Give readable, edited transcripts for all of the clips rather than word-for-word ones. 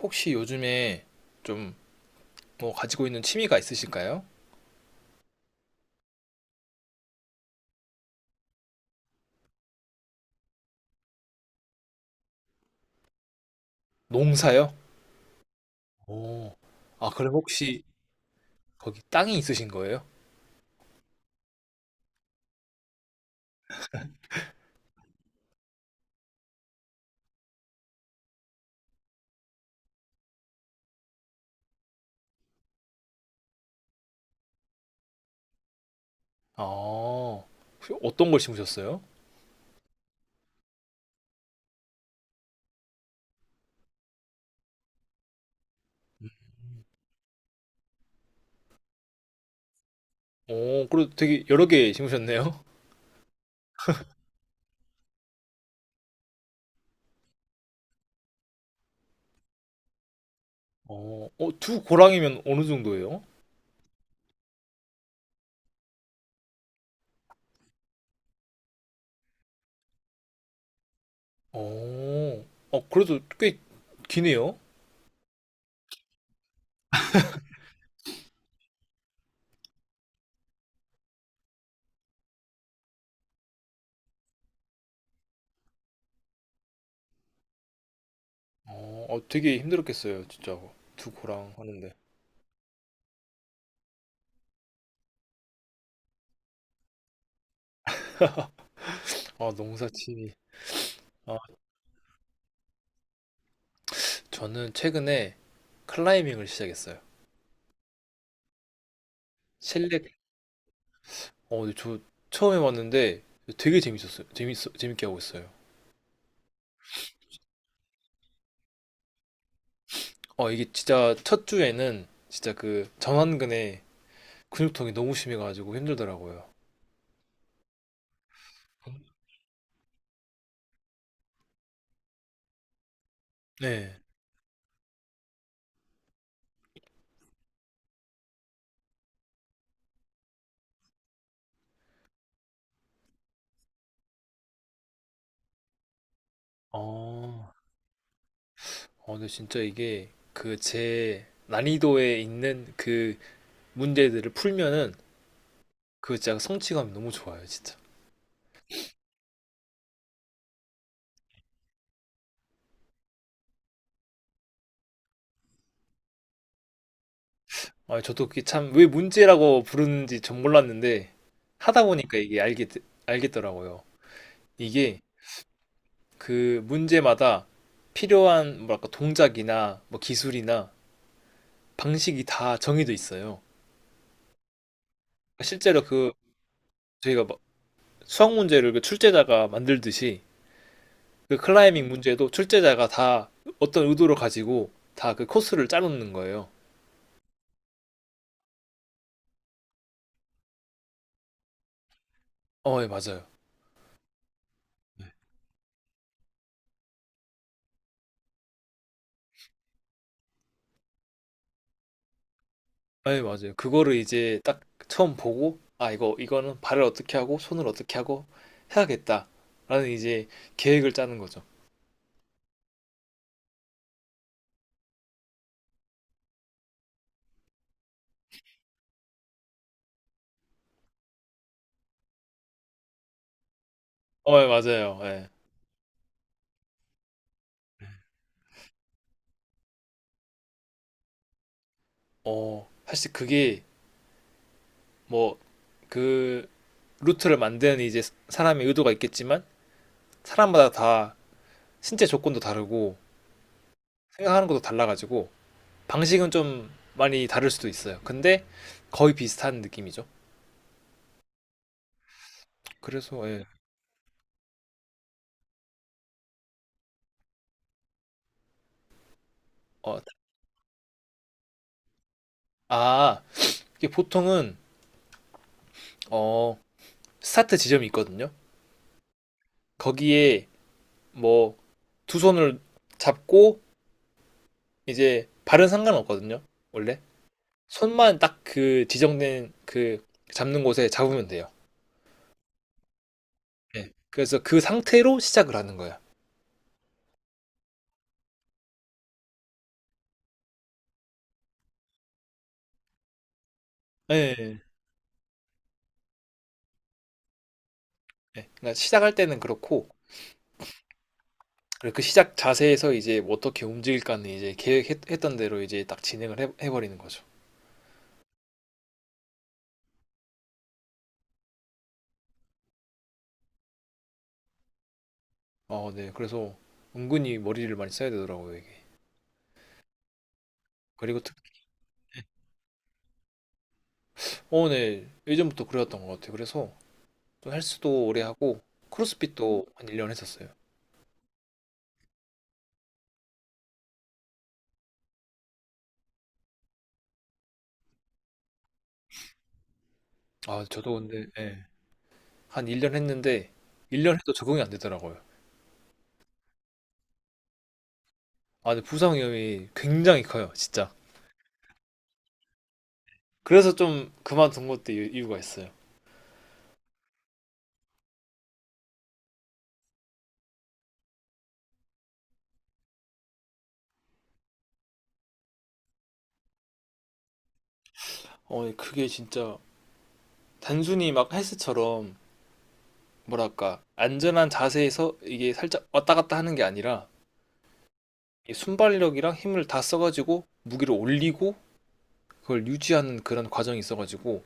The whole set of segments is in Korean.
혹시 요즘에 좀 뭐 가지고 있는 취미가 있으실까요? 농사요? 오. 아, 그럼 혹시 거기 땅이 있으신 거예요? 아, 혹시 어떤 걸 심으셨어요? 오, 그래도 되게 여러 개 심으셨네요. 어, 어, 두 고랑이면 어느 정도예요? 어, 어, 그래도 꽤 기네요. 어, 어, 되게 힘들었겠어요, 진짜. 두 고랑 하는데. 아, 농사 취미. 아, 저는 최근에 클라이밍을 시작했어요. 실내 어, 근데 저 처음에 봤는데 되게 재밌었어요. 재밌어, 재밌게 하고 있어요. 어, 이게 진짜 첫 주에는 진짜 그 전완근에 근육통이 너무 심해가지고 힘들더라고요. 네. 어, 어, 근데 진짜 이게 그 제 난이도에 있는 그 문제들을 풀면은 그 진짜 성취감이 너무 좋아요, 진짜. 아, 저도 그게 참 왜 문제라고 부르는지 전 몰랐는데 하다 보니까 알겠더라고요. 이게 그 문제마다 필요한 뭐랄까 동작이나 뭐 기술이나 방식이 다 정해져 있어요. 실제로 그 저희가 막 수학 문제를 그 출제자가 만들듯이 그 클라이밍 문제도 출제자가 다 어떤 의도를 가지고 다 그 코스를 짜놓는 거예요. 어, 예, 맞아요. 네. 예, 맞아요. 그거를 이제 딱 처음 보고 아, 이거는 발을 어떻게 하고 손을 어떻게 하고 해야겠다라는 이제 계획을 짜는 거죠. 어, 예, 맞아요. 예. 어, 사실 그게 뭐 그 루트를 만드는 이제 사람의 의도가 있겠지만 사람마다 다 신체 조건도 다르고 생각하는 것도 달라가지고 방식은 좀 많이 다를 수도 있어요. 근데 거의 비슷한 느낌이죠. 그래서 예. 어, 아, 이게 보통은 어, 스타트 지점이 있거든요. 거기에 뭐 두 손을 잡고 이제 발은 상관없거든요. 원래 손만 딱 그 지정된 그 잡는 곳에 잡으면 돼요. 예. 그래서 그 상태로 시작을 하는 거예요. 예. 예. 예. 그러니까 시작할 때는 그렇고 그리고 그 시작 자세에서 이제 뭐 어떻게 움직일까는 이제 계획했던 대로 이제 딱 해버리는 거죠. 어, 네. 그래서 은근히 머리를 많이 써야 되더라고요, 이게. 그리고 특, 어, 네. 예전부터 그래왔던 것 같아요. 그래서 좀 헬스도 오래 하고 크로스핏도 한 1년 했었어요. 아, 저도 근데 예. 한 1년 했는데 1년 해도 적응이 안 되더라고요. 아, 근데 부상 위험이 굉장히 커요, 진짜. 그래서 좀 그만둔 것도 이유가 있어요. 어, 예 그게 진짜 단순히 막 헬스처럼 뭐랄까 안전한 자세에서 이게 살짝 왔다 갔다 하는 게 아니라 순발력이랑 힘을 다 써가지고 무기를 올리고 그걸 유지하는 그런 과정이 있어가지고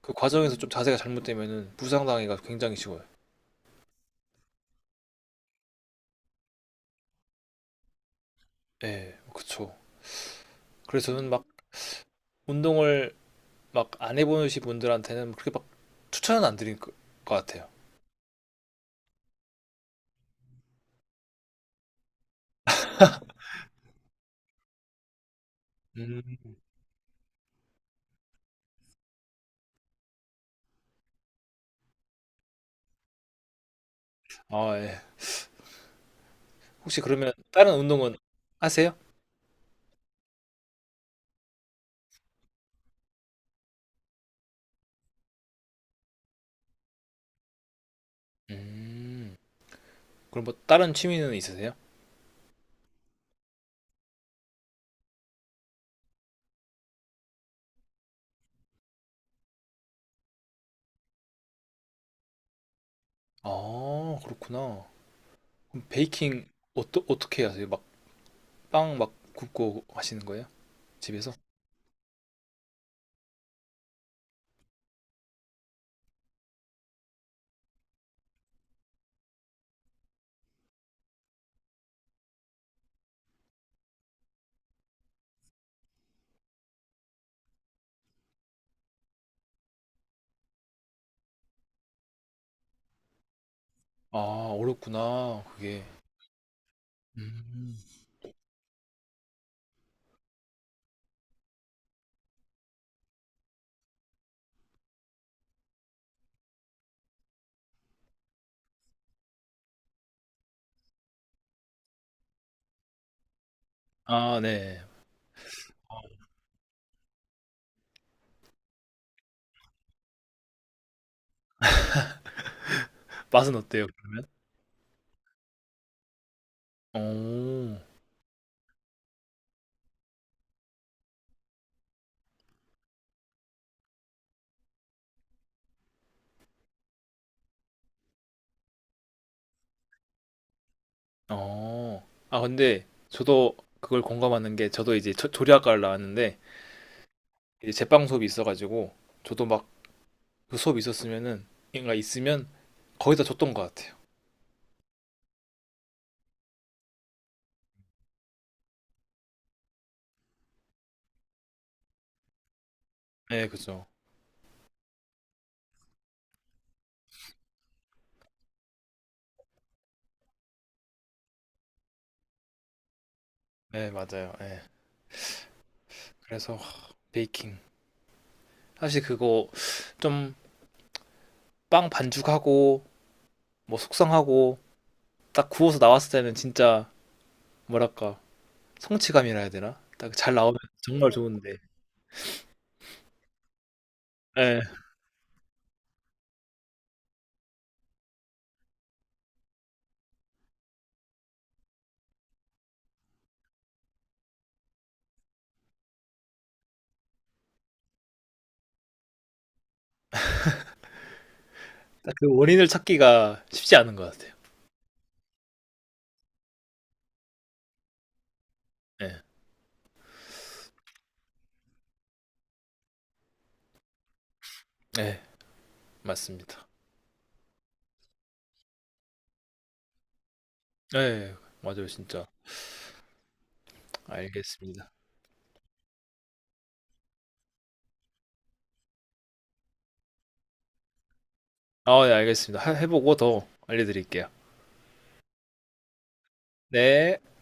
그 과정에서 좀 자세가 잘못되면은 부상당해가 굉장히 쉬워요. 예, 그쵸. 그래서 저는 막 운동을 막 안 해보신 분들한테는 그렇게 막 추천은 안 드릴 것 같아요. 음. 아, 예. 혹시 그러면 다른 운동은 하세요? 음. 그럼 뭐 다른 취미는 있으세요? 아, 그렇구나. 그럼 베이킹 어떻게 하세요? 막 빵 막 굽고 하시는 거예요? 집에서? 아, 어렵구나. 그게. 음. 아, 네. 맛은 어때요? 오, 어. 아, 근데 저도 그걸 공감하는 게 저도 이제 조리학과를 나왔는데 이제 제빵 수업이 있어가지고 저도 막 그 수업이 있었으면은 뭔가 있으면 거의 다 줬던 것 같아요. 네, 그죠. 네, 맞아요. 네. 그래서 하, 베이킹. 사실 그거 좀 빵 반죽하고 뭐 숙성하고 딱 구워서 나왔을 때는 진짜 뭐랄까 성취감이라 해야 되나? 딱 잘 나오면 정말 좋은데 예, 딱 그 원인을 찾기가 쉽지 않은 것 같아요. 예, 예, 맞습니다. 예, 맞아요, 진짜. 알겠습니다. 아, 네 알겠습니다. 해보고 더 알려드릴게요. 네.